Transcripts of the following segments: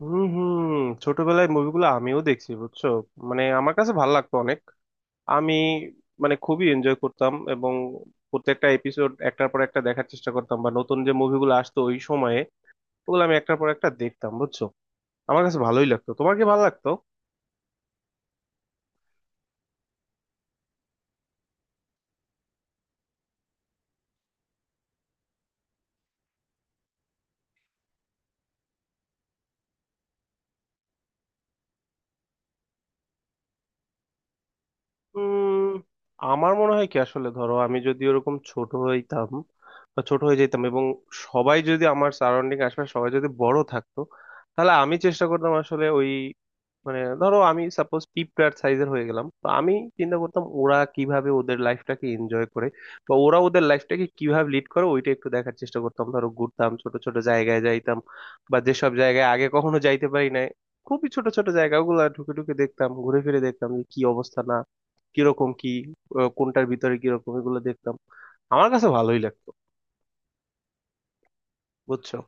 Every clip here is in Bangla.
হুম হুম। ছোটবেলায় মুভিগুলো আমিও দেখছি বুঝছো। মানে আমার কাছে ভালো লাগতো অনেক। আমি মানে খুবই এনজয় করতাম, এবং প্রত্যেকটা এপিসোড একটার পর একটা দেখার চেষ্টা করতাম, বা নতুন যে মুভিগুলো আসতো ওই সময়ে, ওগুলো আমি একটার পর একটা দেখতাম বুঝছো। আমার কাছে ভালোই লাগতো, তোমার কি ভালো লাগতো? উম আমার মনে হয় কি, আসলে ধরো আমি যদি ওরকম ছোট হইতাম বা ছোট হয়ে যেতাম, এবং সবাই যদি আমার সারাউন্ডিং আশপাশ সবাই যদি বড় থাকতো, তাহলে আমি চেষ্টা করতাম আসলে ওই মানে ধরো আমি সাপোজ পিঁপড়ার সাইজের হয়ে গেলাম, তো আমি চিন্তা করতাম ওরা কিভাবে ওদের লাইফটাকে এনজয় করে বা ওরা ওদের লাইফটাকে কিভাবে লিড করে, ওইটা একটু দেখার চেষ্টা করতাম। ধরো ঘুরতাম, ছোট ছোট জায়গায় যাইতাম বা যেসব জায়গায় আগে কখনো যাইতে পারি নাই, খুবই ছোট ছোট জায়গাগুলো ঢুকে ঢুকে দেখতাম, ঘুরে ফিরে দেখতাম যে কি অবস্থা, না কিরকম কি, কোনটার ভিতরে কিরকম, এগুলো দেখতাম। আমার কাছে ভালোই লাগতো বুঝছো।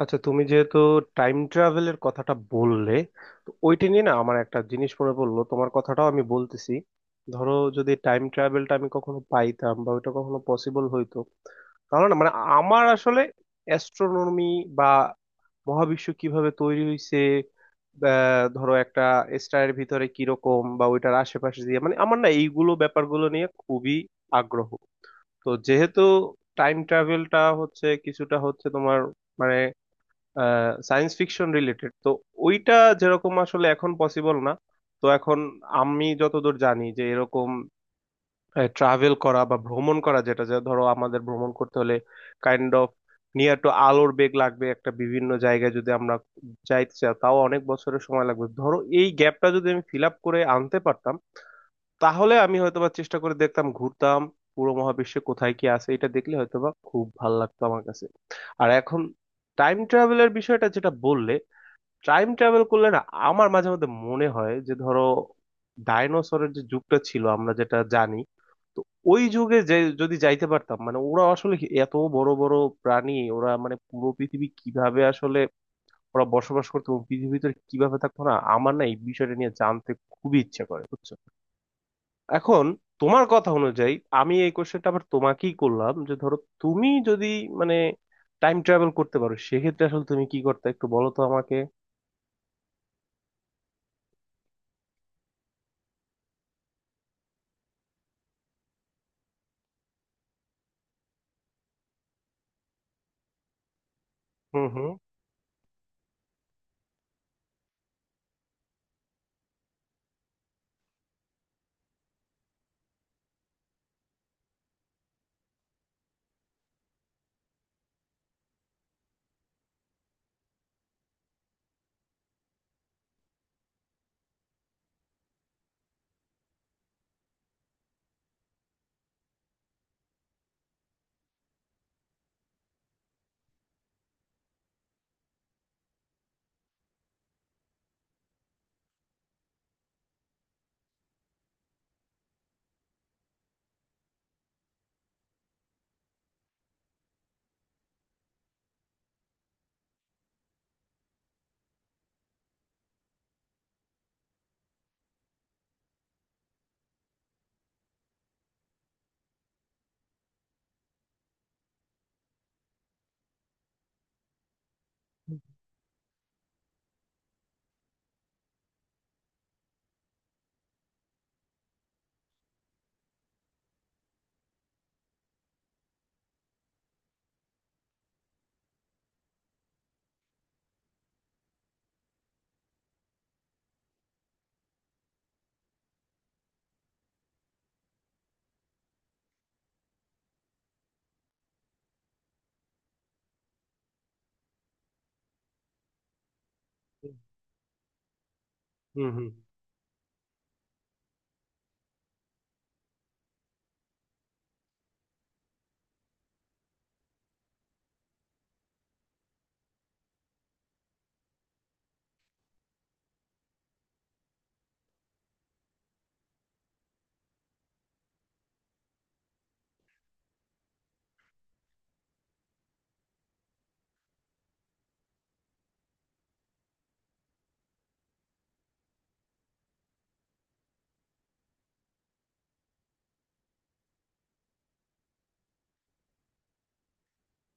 আচ্ছা, তুমি যেহেতু টাইম ট্রাভেলের কথাটা বললে, তো ওইটা নিয়ে না আমার একটা জিনিস মনে পড়লো, তোমার কথাটাও আমি বলতেছি। ধরো যদি টাইম ট্রাভেলটা আমি কখনো পাইতাম বা ওইটা কখনো পসিবল হইতো, তাহলে না মানে আমার আসলে অ্যাস্ট্রোনমি বা মহাবিশ্ব কিভাবে তৈরি হয়েছে, ধরো একটা স্টারের ভিতরে কিরকম বা ওইটার আশেপাশে দিয়ে, মানে আমার না এইগুলো ব্যাপারগুলো নিয়ে খুবই আগ্রহ। তো যেহেতু টাইম ট্রাভেলটা হচ্ছে কিছুটা হচ্ছে তোমার মানে সায়েন্স ফিকশন রিলেটেড, তো ওইটা যেরকম আসলে এখন পসিবল না। তো এখন আমি যতদূর জানি যে এরকম ট্রাভেল করা বা ভ্রমণ করা, যেটা যা ধরো আমাদের ভ্রমণ করতে হলে কাইন্ড অফ নিয়ার টু আলোর বেগ লাগবে একটা, বিভিন্ন জায়গায় যদি আমরা যাইতে চাই তাও অনেক বছরের সময় লাগবে। ধরো এই গ্যাপটা যদি আমি ফিল আপ করে আনতে পারতাম, তাহলে আমি হয়তোবা চেষ্টা করে দেখতাম, ঘুরতাম পুরো মহাবিশ্বে কোথায় কি আছে, এটা দেখলে হয়তোবা খুব ভালো লাগতো আমার কাছে। আর এখন টাইম ট্রাভেলের বিষয়টা যেটা বললে, টাইম ট্রাভেল করলে না আমার মাঝে মধ্যে মনে হয় যে ধরো ডাইনোসরের যে যুগটা ছিল আমরা যেটা জানি, তো ওই যুগে যে যদি যাইতে পারতাম, মানে ওরা আসলে এত বড় বড় প্রাণী ওরা মানে পুরো পৃথিবী কিভাবে আসলে ওরা বসবাস করতো এবং পৃথিবীর ভিতরে কিভাবে থাকতো না, আমার না এই বিষয়টা নিয়ে জানতে খুবই ইচ্ছে করে বুঝছো। এখন তোমার কথা অনুযায়ী আমি এই কোশ্চেনটা আবার তোমাকেই করলাম, যে ধরো তুমি যদি মানে টাইম ট্রাভেল করতে পারো, সেক্ষেত্রে আসলে তুমি কি করতে একটু বলো তো আমাকে। হুম হুম হুম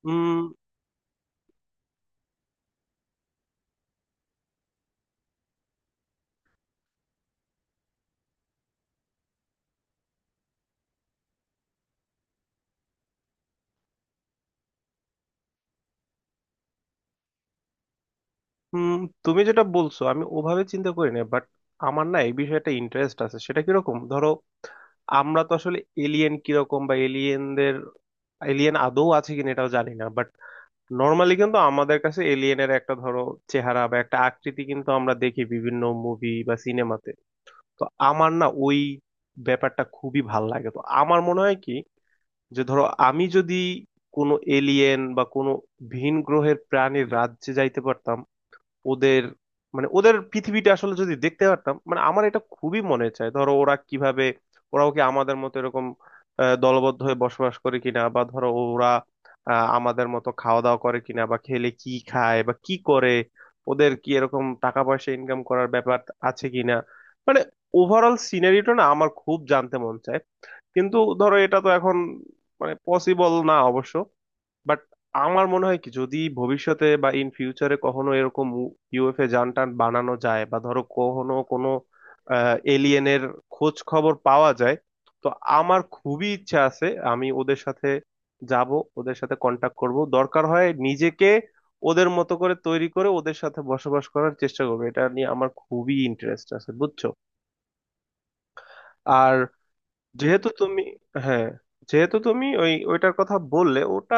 হুম হুম। তুমি যেটা বলছো আমি ওভাবে চিন্তা করি না, বাট আমার না এই বিষয়ে একটা ইন্টারেস্ট আছে। সেটা কিরকম, ধরো আমরা তো আসলে এলিয়েন কিরকম বা এলিয়েনদের, এলিয়েন আদৌ আছে কিনা এটাও জানি না, বাট নর্মালি কিন্তু আমাদের কাছে এলিয়েনের একটা ধরো চেহারা বা একটা আকৃতি কিন্তু আমরা দেখি বিভিন্ন মুভি বা সিনেমাতে। তো আমার না ওই ব্যাপারটা খুবই ভাল লাগে। তো আমার মনে হয় কি যে ধরো আমি যদি কোনো এলিয়েন বা কোনো ভিন গ্রহের প্রাণীর রাজ্যে যাইতে পারতাম, ওদের মানে ওদের পৃথিবীটা আসলে যদি দেখতে পারতাম, মানে আমার এটা খুবই মনে চায়। ধরো ওরা কিভাবে, ওরাও কি আমাদের মতো এরকম দলবদ্ধ হয়ে বসবাস করে কিনা, বা ধরো ওরা আমাদের মতো খাওয়া দাওয়া করে কিনা, বা খেলে কি খায় বা কি করে, ওদের কি এরকম টাকা পয়সা ইনকাম করার ব্যাপার আছে কিনা, মানে ওভারঅল সিনারিটা না আমার খুব জানতে মন চায়। কিন্তু ধরো এটা তো এখন মানে পসিবল না অবশ্য, বাট আমার মনে হয় কি যদি ভবিষ্যতে বা ইন ফিউচারে কখনো এরকম ইউএফএ যান টান বানানো যায়, বা ধরো কখনো কোনো এলিয়েনের খোঁজ খবর পাওয়া যায়, তো আমার খুবই ইচ্ছা আছে আমি ওদের সাথে যাব, ওদের সাথে কন্টাক্ট করব, দরকার হয় নিজেকে ওদের মতো করে তৈরি করে ওদের সাথে বসবাস করার চেষ্টা করবো। এটা নিয়ে আমার খুবই ইন্টারেস্ট আছে বুঝছো। আর যেহেতু তুমি, হ্যাঁ, যেহেতু তুমি ওই ওইটার কথা বললে, ওটা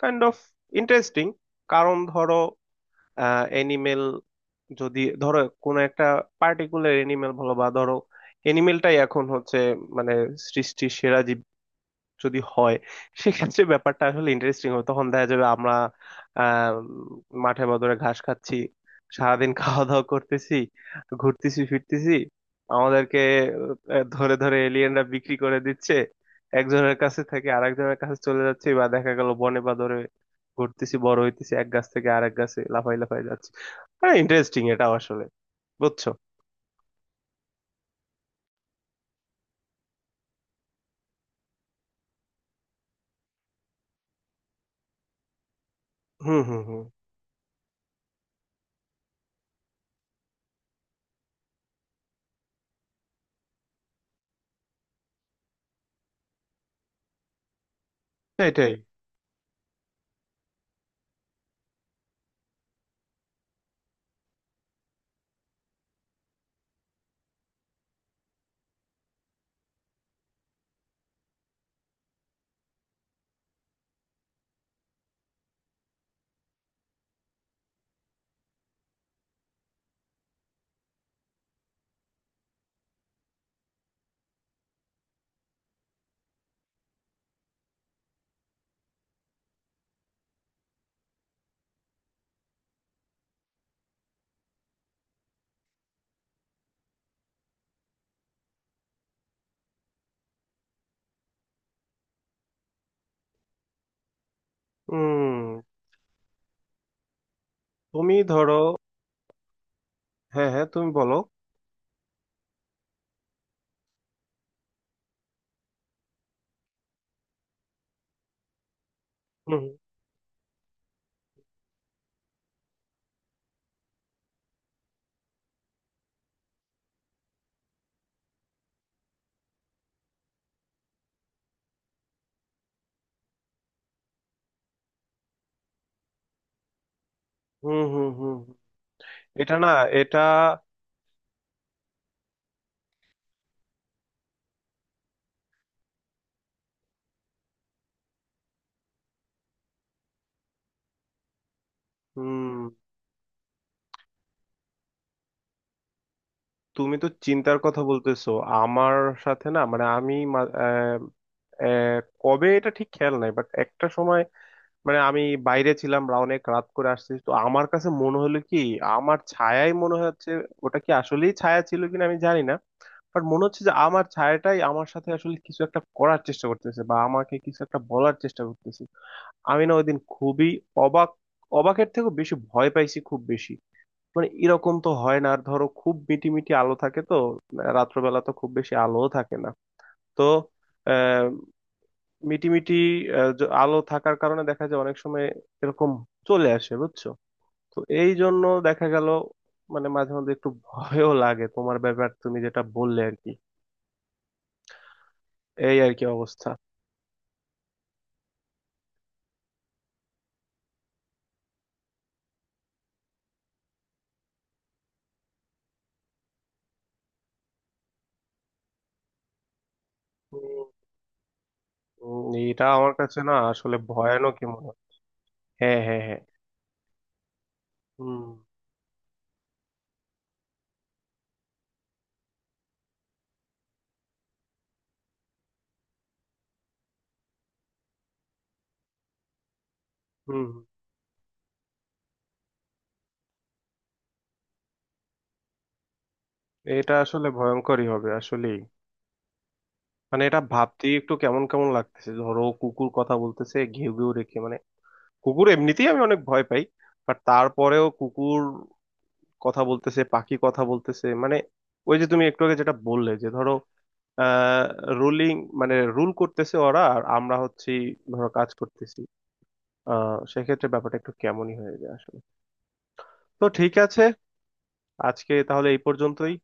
কাইন্ড অফ ইন্টারেস্টিং। কারণ ধরো অ্যানিমেল যদি ধরো কোনো একটা পার্টিকুলার এনিমেল বলো, বা ধরো এনিমেলটাই এখন হচ্ছে মানে সৃষ্টির সেরা যদি হয়, সেক্ষেত্রে ব্যাপারটা আসলে ইন্টারেস্টিং হবে। তখন দেখা যাবে আমরা আহ মাঠের বদলে ঘাস খাচ্ছি, সারাদিন খাওয়া দাওয়া করতেছি, ঘুরতেছি ফিরতেছি, আমাদেরকে ধরে ধরে এলিয়েনরা বিক্রি করে দিচ্ছে, একজনের কাছে থেকে আরেকজনের কাছে চলে যাচ্ছে, বা দেখা গেল বনে বা ধরে ঘুরতেছি বড় হইতেছি, এক গাছ থেকে আরেক গাছে লাফাই লাফাই যাচ্ছে। হ্যাঁ, ইন্টারেস্টিং এটা আসলে বুঝছো। হুম হুম হুম। এটাই। হুম। তুমি ধরো, হ্যাঁ হ্যাঁ, তুমি বলো। হুম হুম হুম হুম। এটা না, এটা হুম। তুমি তো চিন্তার কথা বলতেছো আমার সাথে না, মানে আমি আহ, কবে এটা ঠিক খেয়াল নাই, বাট একটা সময় মানে আমি বাইরে ছিলাম বা অনেক রাত করে আসছি, তো আমার কাছে মনে হলো কি আমার ছায়াই মনে হচ্ছে। ওটা কি আসলেই ছায়া ছিল কিনা আমি জানি না, বাট মনে হচ্ছে যে আমার ছায়াটাই আমার সাথে আসলে কিছু একটা করার চেষ্টা করতেছে, বা আমাকে কিছু একটা বলার চেষ্টা করতেছে। আমি না ওইদিন খুবই অবাক, অবাকের থেকেও বেশি ভয় পাইছি, খুব বেশি। মানে এরকম তো হয় না। আর ধরো খুব মিটি মিটি আলো থাকে, তো রাত্রবেলা তো খুব বেশি আলোও থাকে না। তো মিটিমিটি আলো থাকার কারণে দেখা যায় অনেক সময় এরকম চলে আসে বুঝছো। তো এই জন্য দেখা গেল মানে মাঝে মধ্যে একটু ভয়ও লাগে, তোমার ব্যাপার তুমি যেটা বললে আর কি। এই আর কি অবস্থা। হুম, হুম, এটা আমার কাছে না আসলে ভয়ানকই মনে হয়। হ্যাঁ হ্যাঁ হ্যাঁ। হুম হুম। এটা আসলে ভয়ঙ্করই হবে আসলেই। মানে এটা ভাবতেই একটু কেমন কেমন লাগতেছে। ধরো কুকুর কথা বলতেছে ঘেউ ঘেউ রেখে, মানে কুকুর এমনিতেই আমি অনেক ভয় পাই, বাট তারপরেও কুকুর কথা বলতেছে, পাখি কথা বলতেছে, মানে ওই যে তুমি একটু আগে যেটা বললে যে ধরো আহ রুলিং মানে রুল করতেছে ওরা, আর আমরা হচ্ছি ধরো কাজ করতেছি। সেক্ষেত্রে ব্যাপারটা একটু কেমনই হয়ে যায় আসলে। তো ঠিক আছে, আজকে তাহলে এই পর্যন্তই।